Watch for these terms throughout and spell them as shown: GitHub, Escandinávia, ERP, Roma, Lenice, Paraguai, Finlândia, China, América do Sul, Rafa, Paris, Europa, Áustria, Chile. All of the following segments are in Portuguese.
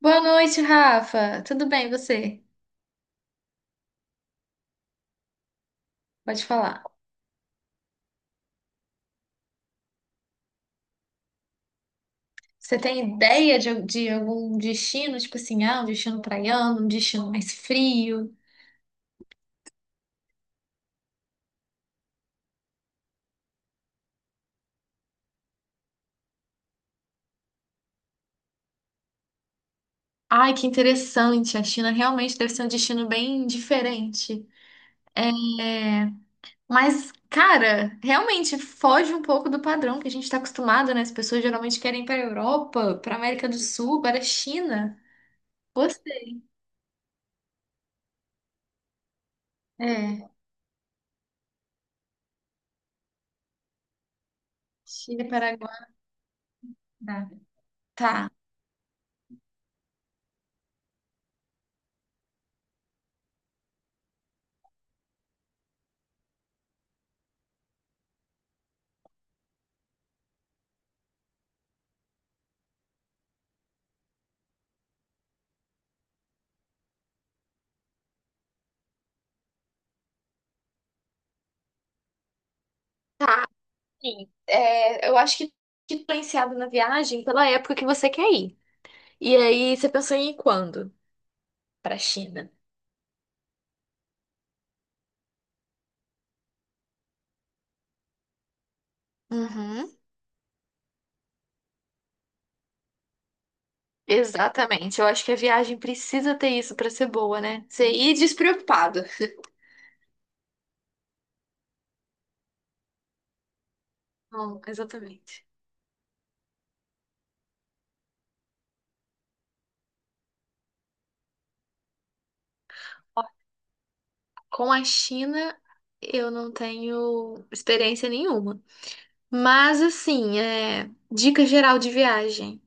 Boa noite, Rafa. Tudo bem, e você? Pode falar. Você tem ideia de algum destino, tipo assim, um destino praiano, um destino mais frio? Ai, que interessante. A China realmente deve ser um destino bem diferente. Mas, cara, realmente foge um pouco do padrão que a gente está acostumado, né? As pessoas geralmente querem ir para a Europa, para a América do Sul, para a China. Gostei. É, Chile, Paraguai. Tá. Tá. Sim, é, eu acho que fica influenciado na viagem pela época que você quer ir. E aí você pensou em ir quando? Para China. Uhum. Exatamente, eu acho que a viagem precisa ter isso para ser boa, né? Você ir despreocupado. Não, exatamente. Com a China, eu não tenho experiência nenhuma. Mas, assim, dica geral de viagem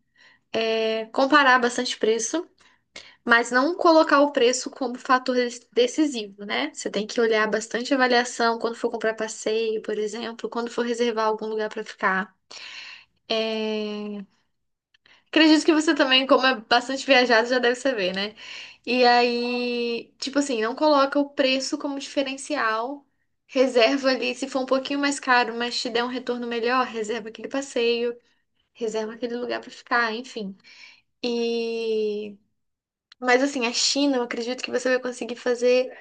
é comparar bastante preço. Mas não colocar o preço como fator decisivo, né? Você tem que olhar bastante a avaliação quando for comprar passeio, por exemplo, quando for reservar algum lugar para ficar. É, acredito que você também, como é bastante viajado, já deve saber, né? E aí, tipo assim, não coloca o preço como diferencial. Reserva ali, se for um pouquinho mais caro, mas te der um retorno melhor, reserva aquele passeio, reserva aquele lugar para ficar, enfim. E mas assim, a China, eu acredito que você vai conseguir fazer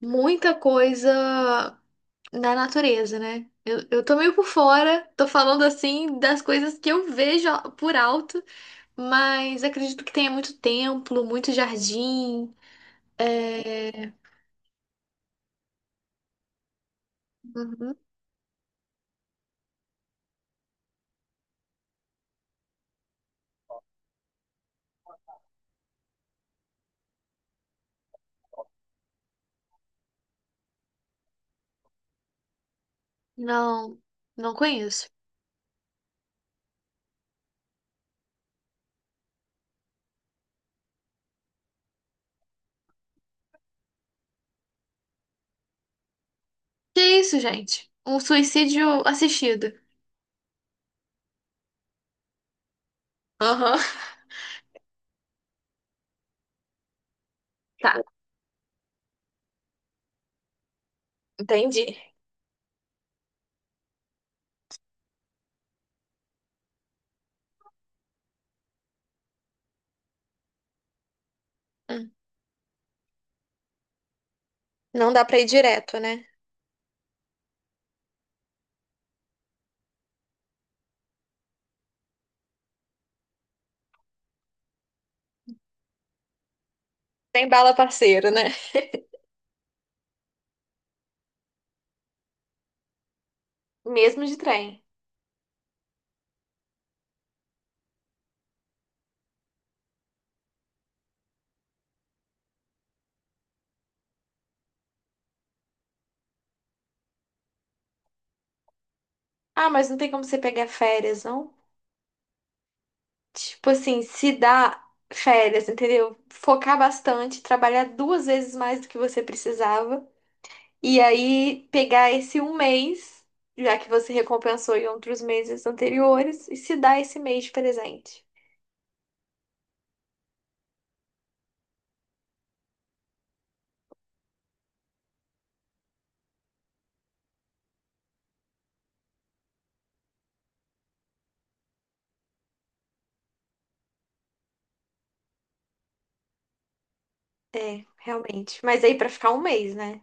muita coisa na natureza, né? Eu tô meio por fora, tô falando assim das coisas que eu vejo por alto, mas acredito que tenha muito templo, muito jardim. É, uhum. Não, não conheço. Que isso, gente? Um suicídio assistido. Aham. Tá. Entendi. Hum. Não dá pra ir direto, né? Tem bala parceiro, né? Mesmo de trem. Ah, mas não tem como você pegar férias, não? Tipo assim, se dá férias, entendeu? Focar bastante, trabalhar duas vezes mais do que você precisava. E aí pegar esse um mês, já que você recompensou em outros meses anteriores, e se dar esse mês de presente. É, realmente. Mas aí pra ficar um mês, né?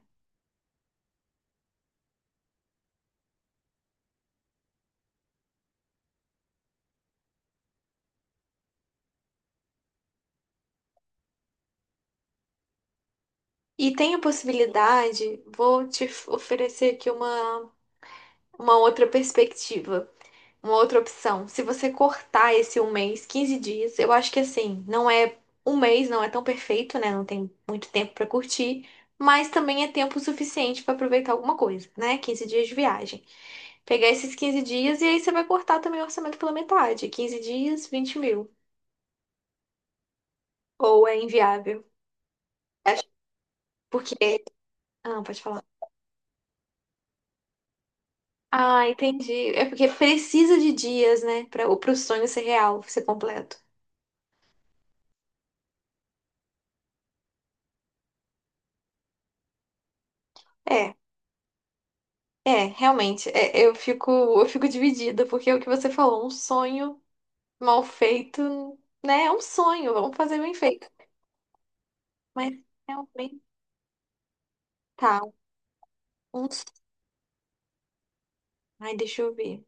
E tem a possibilidade, oferecer aqui uma outra perspectiva. Uma outra opção, se você cortar esse um mês, 15 dias, eu acho que assim, não é um mês, não é tão perfeito, né? Não tem muito tempo pra curtir, mas também é tempo suficiente pra aproveitar alguma coisa, né? 15 dias de viagem. Pegar esses 15 dias e aí você vai cortar também o orçamento pela metade. 15 dias, 20 mil. Ou é inviável. Acho- porque. Ah, pode falar. Ah, entendi. É porque precisa de dias, né? Para o sonho ser real, ser completo. É. É, realmente, é, eu fico dividida, porque é o que você falou, um sonho mal feito, né? É um sonho, vamos fazer bem feito. Mas realmente tá. Um... s- Ai, deixa eu ver.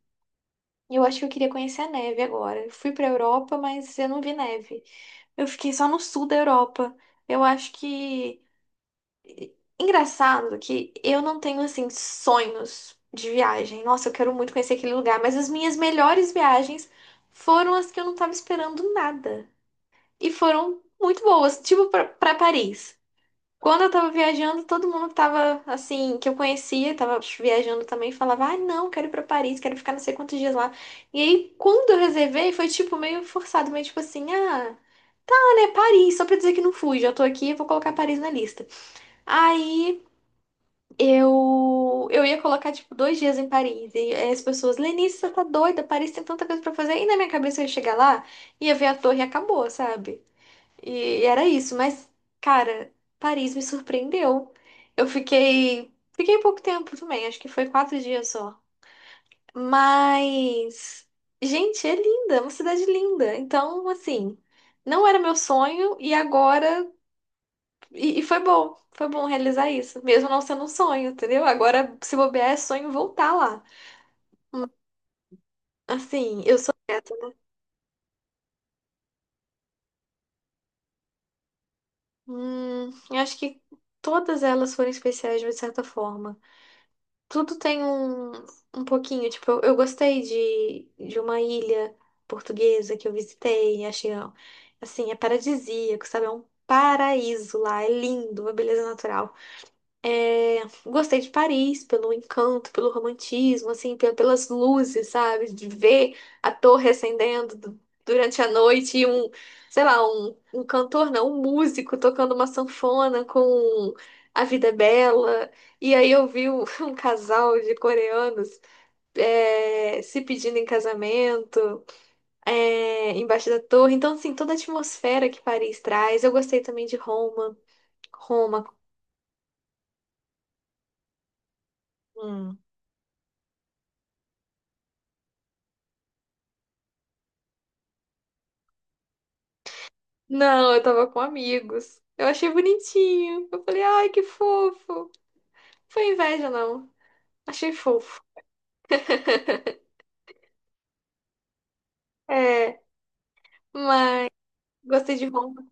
Eu acho que eu queria conhecer a neve agora. Eu fui pra Europa, mas eu não vi neve. Eu fiquei só no sul da Europa. Eu acho que. Engraçado que eu não tenho, assim, sonhos de viagem. Nossa, eu quero muito conhecer aquele lugar, mas as minhas melhores viagens foram as que eu não tava esperando nada. E foram muito boas, tipo pra Paris. Quando eu tava viajando, todo mundo que tava assim, que eu conhecia, tava viajando também, falava: "Ah, não, quero ir pra Paris, quero ficar não sei quantos dias lá". E aí, quando eu reservei, foi tipo meio forçado, meio tipo assim: "Ah, ah, né, Paris, só pra dizer que não fui, já tô aqui, vou colocar Paris na lista". Aí eu ia colocar tipo 2 dias em Paris e aí as pessoas: "Lenice, você tá doida? Paris tem tanta coisa pra fazer". E na minha cabeça eu ia chegar lá, ia ver a torre e acabou, sabe? E era isso, mas, cara, Paris me surpreendeu. Eu fiquei. Fiquei pouco tempo também, acho que foi 4 dias só. Mas. Gente, é linda, é uma cidade linda. Então, assim, não era meu sonho e agora. E foi bom realizar isso, mesmo não sendo um sonho, entendeu? Agora, se bobear, é sonho voltar lá. Assim, eu sou quieta. Eu acho que todas elas foram especiais de certa forma. Tudo tem um, um pouquinho, tipo, eu gostei de uma ilha portuguesa que eu visitei, achei, ó, assim, é paradisíaco, sabe? É um paraíso lá, é lindo, uma beleza natural. É, gostei de Paris pelo encanto, pelo romantismo, assim, pelas luzes, sabe? De ver a torre acendendo durante a noite e um, sei lá, um cantor, não, um músico tocando uma sanfona com A Vida é Bela. E aí eu vi um, um casal de coreanos, é, se pedindo em casamento, é, embaixo da torre. Então, assim, toda a atmosfera que Paris traz. Eu gostei também de Roma. Roma. Não, eu tava com amigos. Eu achei bonitinho. Eu falei, ai, que fofo. Foi inveja, não. Achei fofo. É, mas gostei de Roma.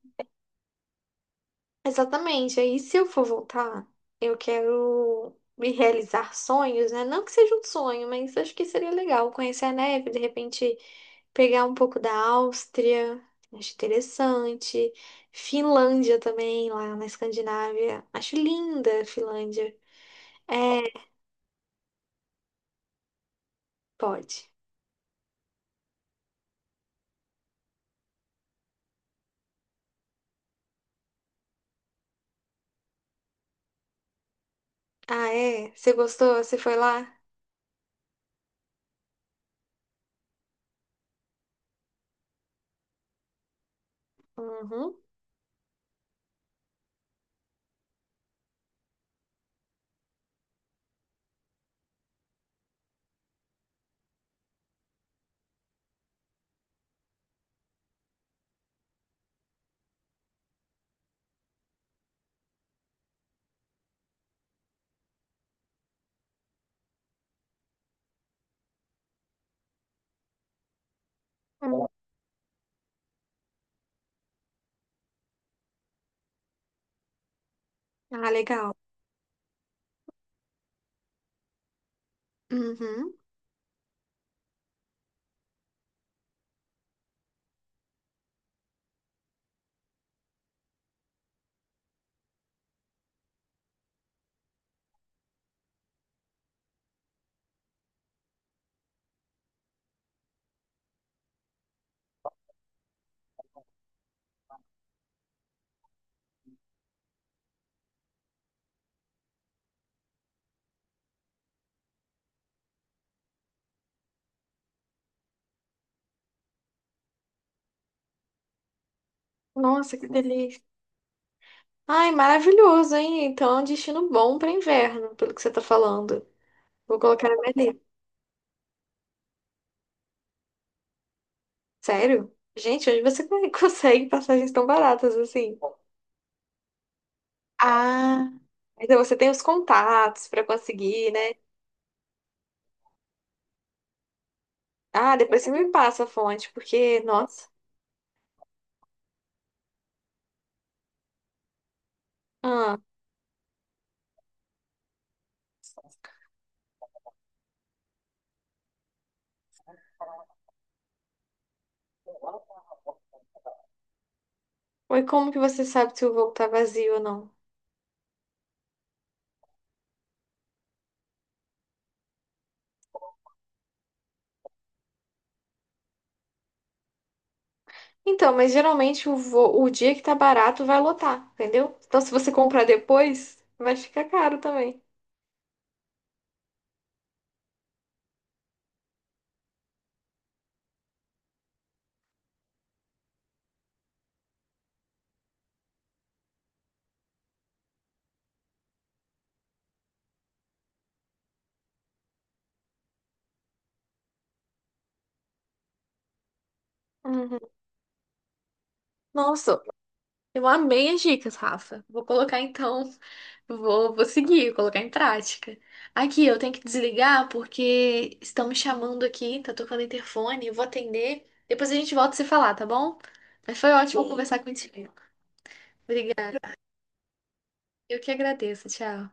Exatamente. Aí, se eu for voltar, eu quero me realizar sonhos, né? Não que seja um sonho, mas acho que seria legal conhecer a neve, de repente pegar um pouco da Áustria. Acho interessante. Finlândia também, lá na Escandinávia. Acho linda a Finlândia. É, pode. Ah, é? Você gostou? Você foi lá? Uhum. Ah, legal. Uhum. Nossa, que delícia. Ai, maravilhoso, hein? Então é um destino bom para inverno, pelo que você tá falando. Vou colocar na minha lista. Sério? Gente, onde você consegue passagens tão baratas assim? Ah, então você tem os contatos para conseguir, né? Ah, depois você me passa a fonte, porque, nossa. Ah, e como que você sabe se o voo tá vazio ou não? Então, mas geralmente o dia que tá barato vai lotar, entendeu? Então, se você comprar depois, vai ficar caro também. Uhum. Nossa, eu amei as dicas, Rafa. Vou colocar então, vou, vou seguir, colocar em prática. Aqui, eu tenho que desligar porque estão me chamando aqui, tá tocando interfone, eu vou atender. Depois a gente volta a se falar, tá bom? Mas foi ótimo conversar contigo. Obrigada. Eu que agradeço, tchau.